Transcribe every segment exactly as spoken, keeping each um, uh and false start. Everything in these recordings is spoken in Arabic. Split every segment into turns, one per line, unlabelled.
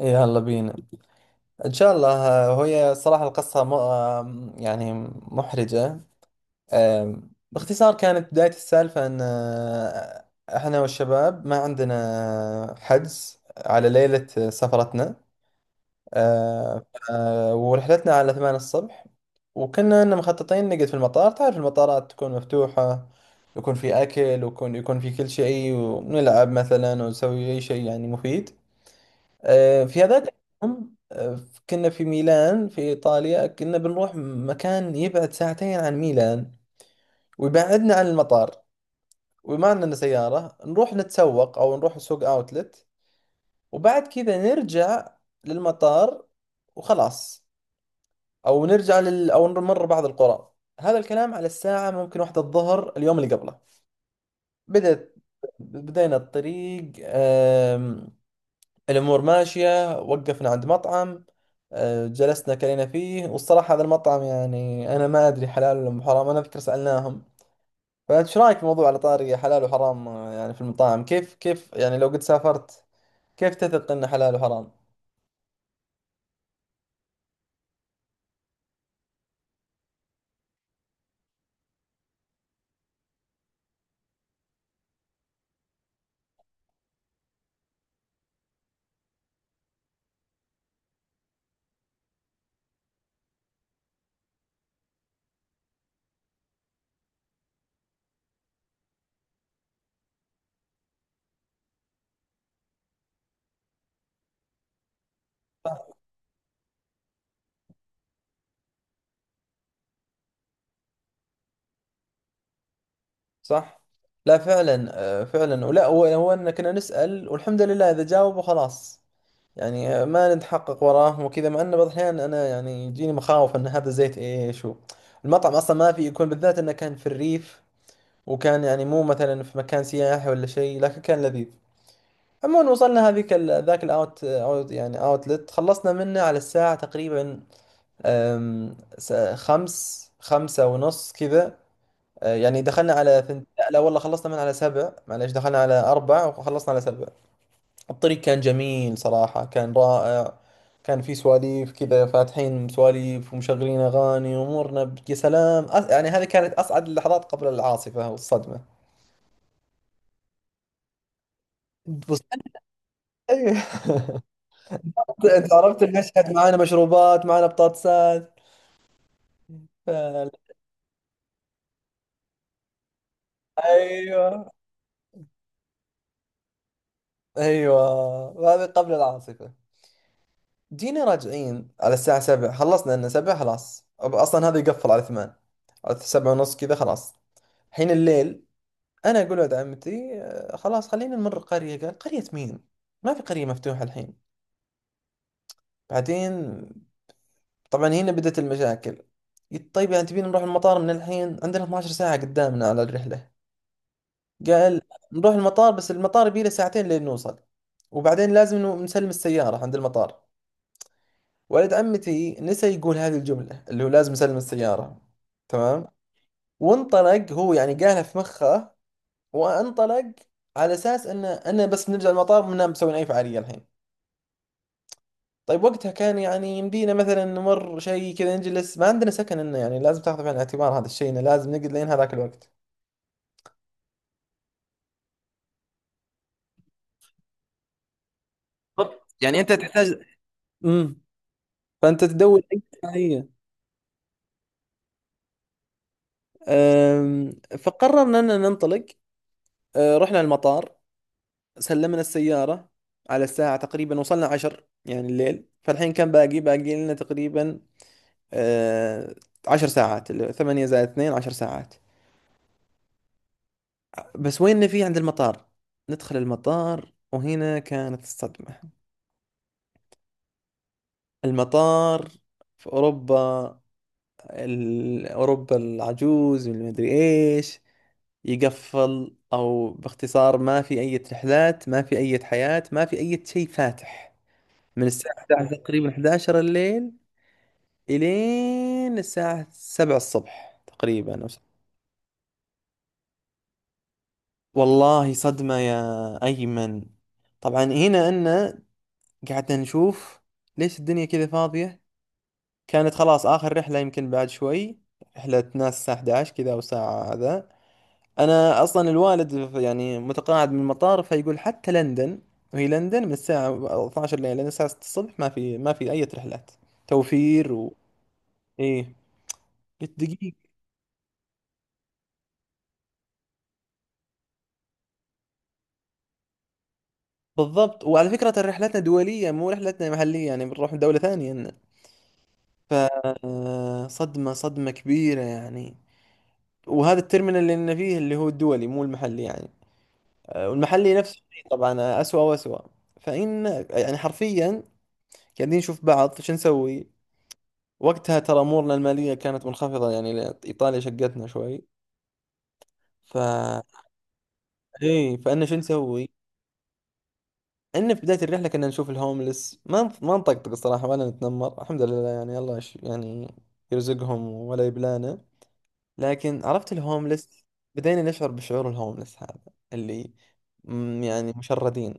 إيه، يلا بينا. إن شاء الله. آه، وهي صراحة القصة م... آم، يعني محرجة. آم، باختصار، كانت بداية السالفة أن آه، إحنا والشباب ما عندنا حجز على ليلة سفرتنا، آه، آه، ورحلتنا على ثمان الصبح. وكنا إن مخططين نقعد في المطار. تعرف، المطارات تكون مفتوحة، يكون في أكل، ويكون يكون في كل شيء، ونلعب مثلا ونسوي أي شيء يعني مفيد آه، في هذاك اليوم. آه، كنا في ميلان في إيطاليا. كنا بنروح مكان يبعد ساعتين عن ميلان، ويبعدنا عن المطار. وما عندنا سيارة. نروح نتسوق، أو نروح سوق أوتلت، وبعد كذا نرجع للمطار وخلاص. أو نرجع لل... أو نمر بعض القرى. هذا الكلام على الساعة ممكن واحدة الظهر، اليوم اللي قبله. بدأت بدينا الطريق. الأمور ماشية. وقفنا عند مطعم، آه، جلسنا كلينا فيه. والصراحة هذا المطعم، يعني أنا ما أدري حلال ولا حرام، أنا أذكر سألناهم. فايش رايك في موضوع، على طاري حلال وحرام آه، يعني، في المطاعم كيف كيف يعني، لو قد سافرت كيف تثق إنه حلال وحرام؟ صح؟ لا فعلا. آه، فعلا، ولا هو هو إن كنا نسأل، والحمد لله إذا جاوبوا خلاص. يعني آه، ما نتحقق وراهم وكذا، مع إنه بعض الأحيان أنا يعني يجيني مخاوف إن هذا زيت إيش و- المطعم أصلا ما في يكون، بالذات إنه كان في الريف. وكان يعني مو مثلا في مكان سياحي ولا شيء، لكن كان لذيذ. عموما، وصلنا هذيك ال... ذاك الاوت اوت يعني اوتلت. خلصنا منه على الساعة تقريبا أم... س... خمس خمسة ونص كذا. أه، يعني دخلنا على ثنت... لا والله، خلصنا من على سبع. معليش، دخلنا على أربع وخلصنا على سبع. الطريق كان جميل صراحة، كان رائع. كان في سواليف كذا، فاتحين سواليف ومشغلين أغاني، وأمورنا ب- يا سلام أس... يعني هذه كانت أسعد اللحظات قبل العاصفة والصدمة. ايوه. انت عرفت المشهد، معانا مشروبات، معانا بطاطسات. ف- ايوه. ايوه. هذا قبل العاصفه. جينا راجعين على الساعه سبعة، خلصنا لنا سبعة خلاص. أب- اصلا هذا يقفل على ثمانية، على سبعة ونص كذا. خلاص. حين الليل، انا اقول ولد عمتي آه، خلاص خلينا نمر قريه. قال: قريه مين؟ ما في قريه مفتوحه الحين. بعدين طبعا هنا بدأت المشاكل. قلت: طيب، يعني تبين نروح المطار من الحين؟ عندنا اثنا عشر ساعة ساعه قدامنا على الرحله. قال: نروح المطار. بس المطار يبي له ساعتين لين نوصل. وبعدين لازم إنه نسلم السيارة عند المطار. ولد عمتي نسى يقول هذه الجملة، اللي هو لازم نسلم السيارة. تمام. وانطلق. هو يعني قالها في مخه وانطلق، على اساس ان انا بس نرجع المطار، ما مسويين اي فعالية الحين. طيب وقتها، كان يعني يمدينا مثلا نمر شيء كذا، نجلس. ما عندنا سكن. انه يعني لازم تاخذ في الاعتبار هذا الشيء، انه لازم نقعد لين هذاك الوقت. بالضبط يعني انت تحتاج. امم فانت تدور أي فعالية. أم، فقررنا أننا ننطلق. أه، رحنا المطار، سلمنا السيارة. على الساعة تقريبا وصلنا عشر يعني الليل. فالحين كان باقي باقي لنا تقريبا أه، عشر ساعات، اللي هو ثمانية زائد اثنين، عشر ساعات. بس وين في عند المطار؟ ندخل المطار، وهنا كانت الصدمة. المطار في أوروبا، ال- أوروبا العجوز والمدري إيش، يقفل. او باختصار ما في اي رحلات، ما في اي حياة، ما في اي شيء فاتح. من الساعة إحدى عشر تقريبا، إحدى عشر الليل، الين الساعة سبعة الصبح تقريبا أو س- والله صدمة يا أيمن. طبعا هنا أنا. قعدنا نشوف ليش الدنيا كذا فاضية. كانت خلاص آخر رحلة، يمكن بعد شوي رحلة ناس الساعة حداعش كذا، أو ساعة هذا. انا اصلا الوالد يعني متقاعد من المطار، فيقول حتى لندن. وهي لندن من الساعة اثنعش لين لين الساعة ستة الصبح ما في ما في اي رحلات توفير و... ايه. قلت: دقيقة. بالضبط، وعلى فكرة ترى رحلتنا دولية، مو رحلتنا محلية، يعني بنروح دولة ثانية إن- ف آه، صدمة، صدمة كبيرة يعني. وهذا الترمينال اللي لنا فيه، اللي هو الدولي مو المحلي يعني. آه، والمحلي نفس الشيء طبعا، آه، أسوأ وأسوأ. فإن يعني حرفيا، قاعدين نشوف بعض شو نسوي. وقتها ترى امورنا الماليه كانت منخفضه، يعني ل- ايطاليا شقتنا شوي. ف ايه فانا شو نسوي؟ ان في بدايه الرحله كنا نشوف الهوملس، ما نط- ما نطقطق الصراحه، ولا نتنمر، الحمد لله، يعني الله يش... يعني يرزقهم ولا يبلانا. لكن عرفت الهوملس. بدينا نشعر بشعور الهوملس هذا، اللي مم، يعني مشردين.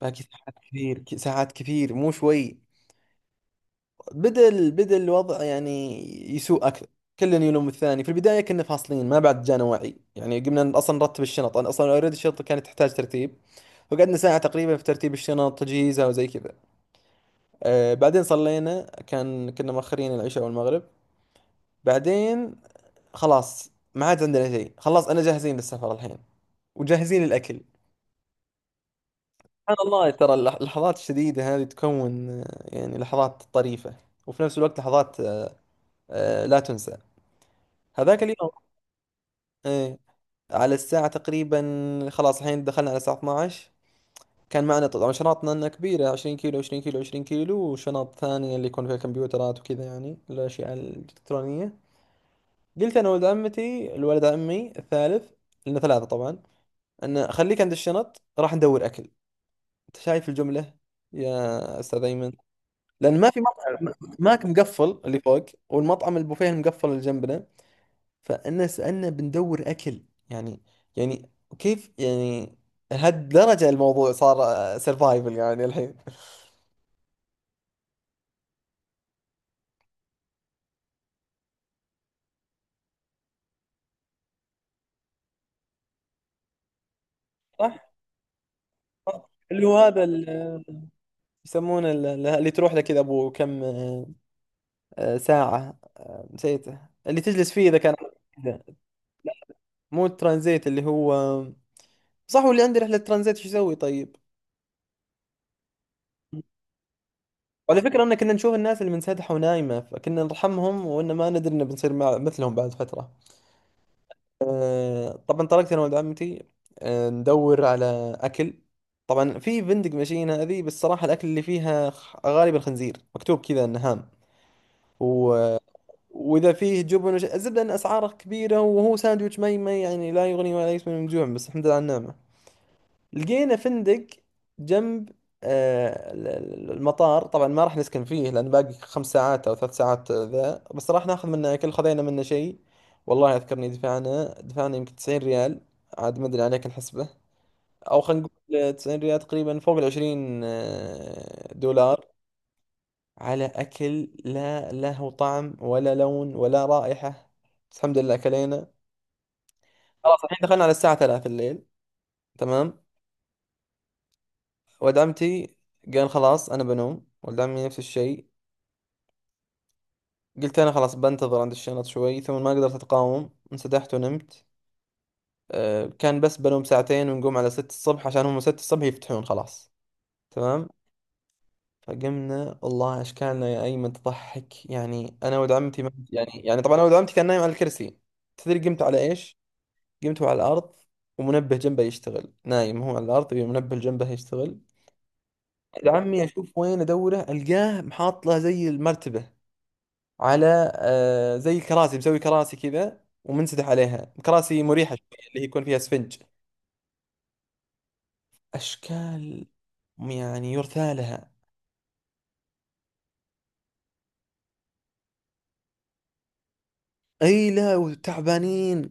باقي ساعات كثير، ك- ساعات كثير مو شوي. بدأ ال- بدأ الوضع يعني يسوء أكثر. كل يلوم الثاني. في البداية كنا فاصلين، ما بعد جانا وعي. يعني قمنا أصلا نرتب الشنط. أنا أصلا أوريدي الشنطة كانت تحتاج ترتيب. وقعدنا ساعة تقريبا في ترتيب الشنط، تجهيزها وزي كذا. آه بعدين صلينا. كان كنا مؤخرين العشاء والمغرب. بعدين خلاص، ما عاد عندنا شيء، خلاص أنا جاهزين للسفر الحين وجاهزين الأكل. سبحان الله، ترى اللح- اللحظات الشديدة هذه تكون آه، يعني لحظات طريفة. وفي نفس الوقت لحظات آه، لا تنسى. هذاك اليوم. ايه. على الساعة تقريبا، خلاص الحين دخلنا على الساعة اثنا عشر. كان معنا طبعا شنطنا لنا كبيرة، 20 كيلو، عشرين كيلو، عشرين كيلو، وشنط ثانية اللي يكون فيها كمبيوترات وكذا، يعني الأشياء الإلكترونية. قلت أنا ولد عمتي، الولد عمي الثالث، لنا ثلاثة طبعا، أن خليك عند الشنط راح ندور أكل. أنت شايف الجملة يا أستاذ أيمن؟ لأن ما في مطعم. ماك مقفل اللي فوق، والمطعم البوفيه المقفل اللي جنبنا. فانا سالنا بندور اكل، يعني يعني كيف يعني؟ لهالدرجه الموضوع صار سرفايفل يعني الحين؟ صح. صح. اللي هو هذا ال- يسمونه ال- ال- اللي تروح لك كذا، ابو كم آه، آه، ساعة، نسيته، اللي تجلس فيه اذا كان كذا. مو الترانزيت اللي هو. صح، واللي عنده رحلة ترانزيت شو يسوي طيب؟ وعلى فكرة ان كنا نشوف الناس اللي منسدحة ونايمة، فكنا نرحمهم وان ما ندري انه بنصير مع مثلهم بعد فترة. آه، طبعا طلقت انا ولد عمتي آه، ندور على اكل. طبعا في فندق ماشيين هذه، بس صراحه الاكل اللي فيها خ- غالبا خنزير، مكتوب كذا انه هام و... واذا فيه جبن وش... الزبده، ان اسعاره كبيره وهو ساندويتش ما ما يعني لا يغني ولا يسمن من جوع، بس الحمد لله على النعمه. لقينا فندق جنب آه، ال- ال- المطار. طبعا ما راح نسكن فيه، لان باقي خمس ساعات او ثلاث ساعات آه، ذا، بس راح ناخذ منه اكل. خذينا منه شيء. والله اذكرني دفعنا دفعنا يمكن تسعين ريال، عاد ما ادري، عليك نحسبه. او خلينا نقول تسعين ريال تقريبا، فوق ال عشرين آه، دولار، على اكل لا له طعم ولا لون ولا رائحة، بس الحمد لله اكلينا. خلاص الحين دخلنا على الساعة ثلاثة الليل. تمام. ولد عمتي قال: خلاص أنا بنوم. ولد عمي نفس الشيء. قلت أنا: خلاص بنتظر عند الشنط شوي. ثم ما قدرت أتقاوم، انسدحت ونمت. أه كان بس بنوم ساعتين ونقوم على ست الصبح، عشان هم ست الصبح يفتحون خلاص. تمام. فقمنا والله أشكالنا يا أيمن تضحك يعني. أنا ولد عمتي ما يعني، يعني طبعا، أنا ولد عمتي كان نايم على الكرسي. تدري قمت على إيش؟ قمت على الأرض، ومنبه جنبه يشتغل. نايم هو على الأرض، والمنبه جنبه يشتغل. ولد عمي أشوف وين أدوره، ألقاه محاط له زي المرتبة، على آه زي كراسي، مسوي كراسي كذا ومنسدح عليها. كراسي مريحة شوية، اللي هي يكون فيها اسفنج. أشكال يعني يرثى لها. أي لا، وتعبانين.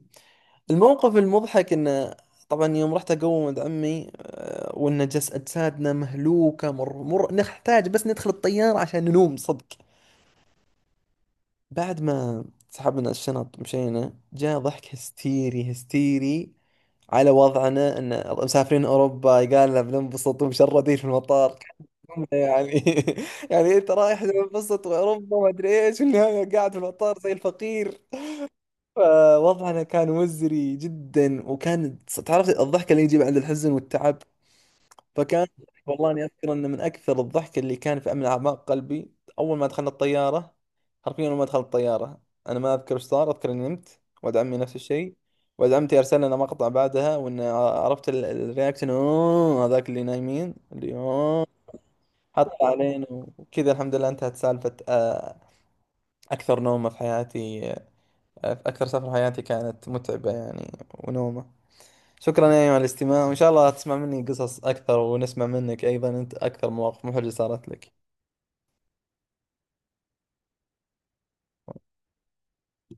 الموقف المضحك إنه، طبعا يوم رحت أقوم عند عمي آه، وإن جس أجسادنا مهلوكة، مر مر نحتاج بس ندخل الطيارة عشان ننوم صدق. بعد ما سحبنا الشنط مشينا، جاء ضحك هستيري هستيري على وضعنا، ان مسافرين اوروبا قال لنا بننبسط، ومشردين في المطار. كنا يعني يعني انت رايح تنبسط واوروبا ما ادري ايش، والنهايه قاعد في المطار زي الفقير. فوضعنا كان مزري جدا. وكان، تعرف، الضحك اللي يجي بعد الحزن والتعب، فكان والله اني اذكر انه من اكثر الضحك اللي كان في، من اعماق قلبي. اول ما دخلنا الطياره، حرفيا اول ما دخلت الطياره، انا ما اذكر ايش صار. اذكر اني نمت، ولد عمي نفس الشيء. ولد عمتي ارسل لنا مقطع بعدها، وان عرفت ال- الرياكشن، اوه هذاك اللي نايمين، اللي اوه، حط علينا. وكذا الحمد لله انتهت سالفه. آه، اكثر نومه في حياتي. آه، اكثر سفر في حياتي كانت متعبه يعني، ونومه. شكرا يا أيمن على الاستماع، وإن شاء الله تسمع مني قصص أكثر، ونسمع منك أيضا أنت أكثر مواقف محرجة صارت لك.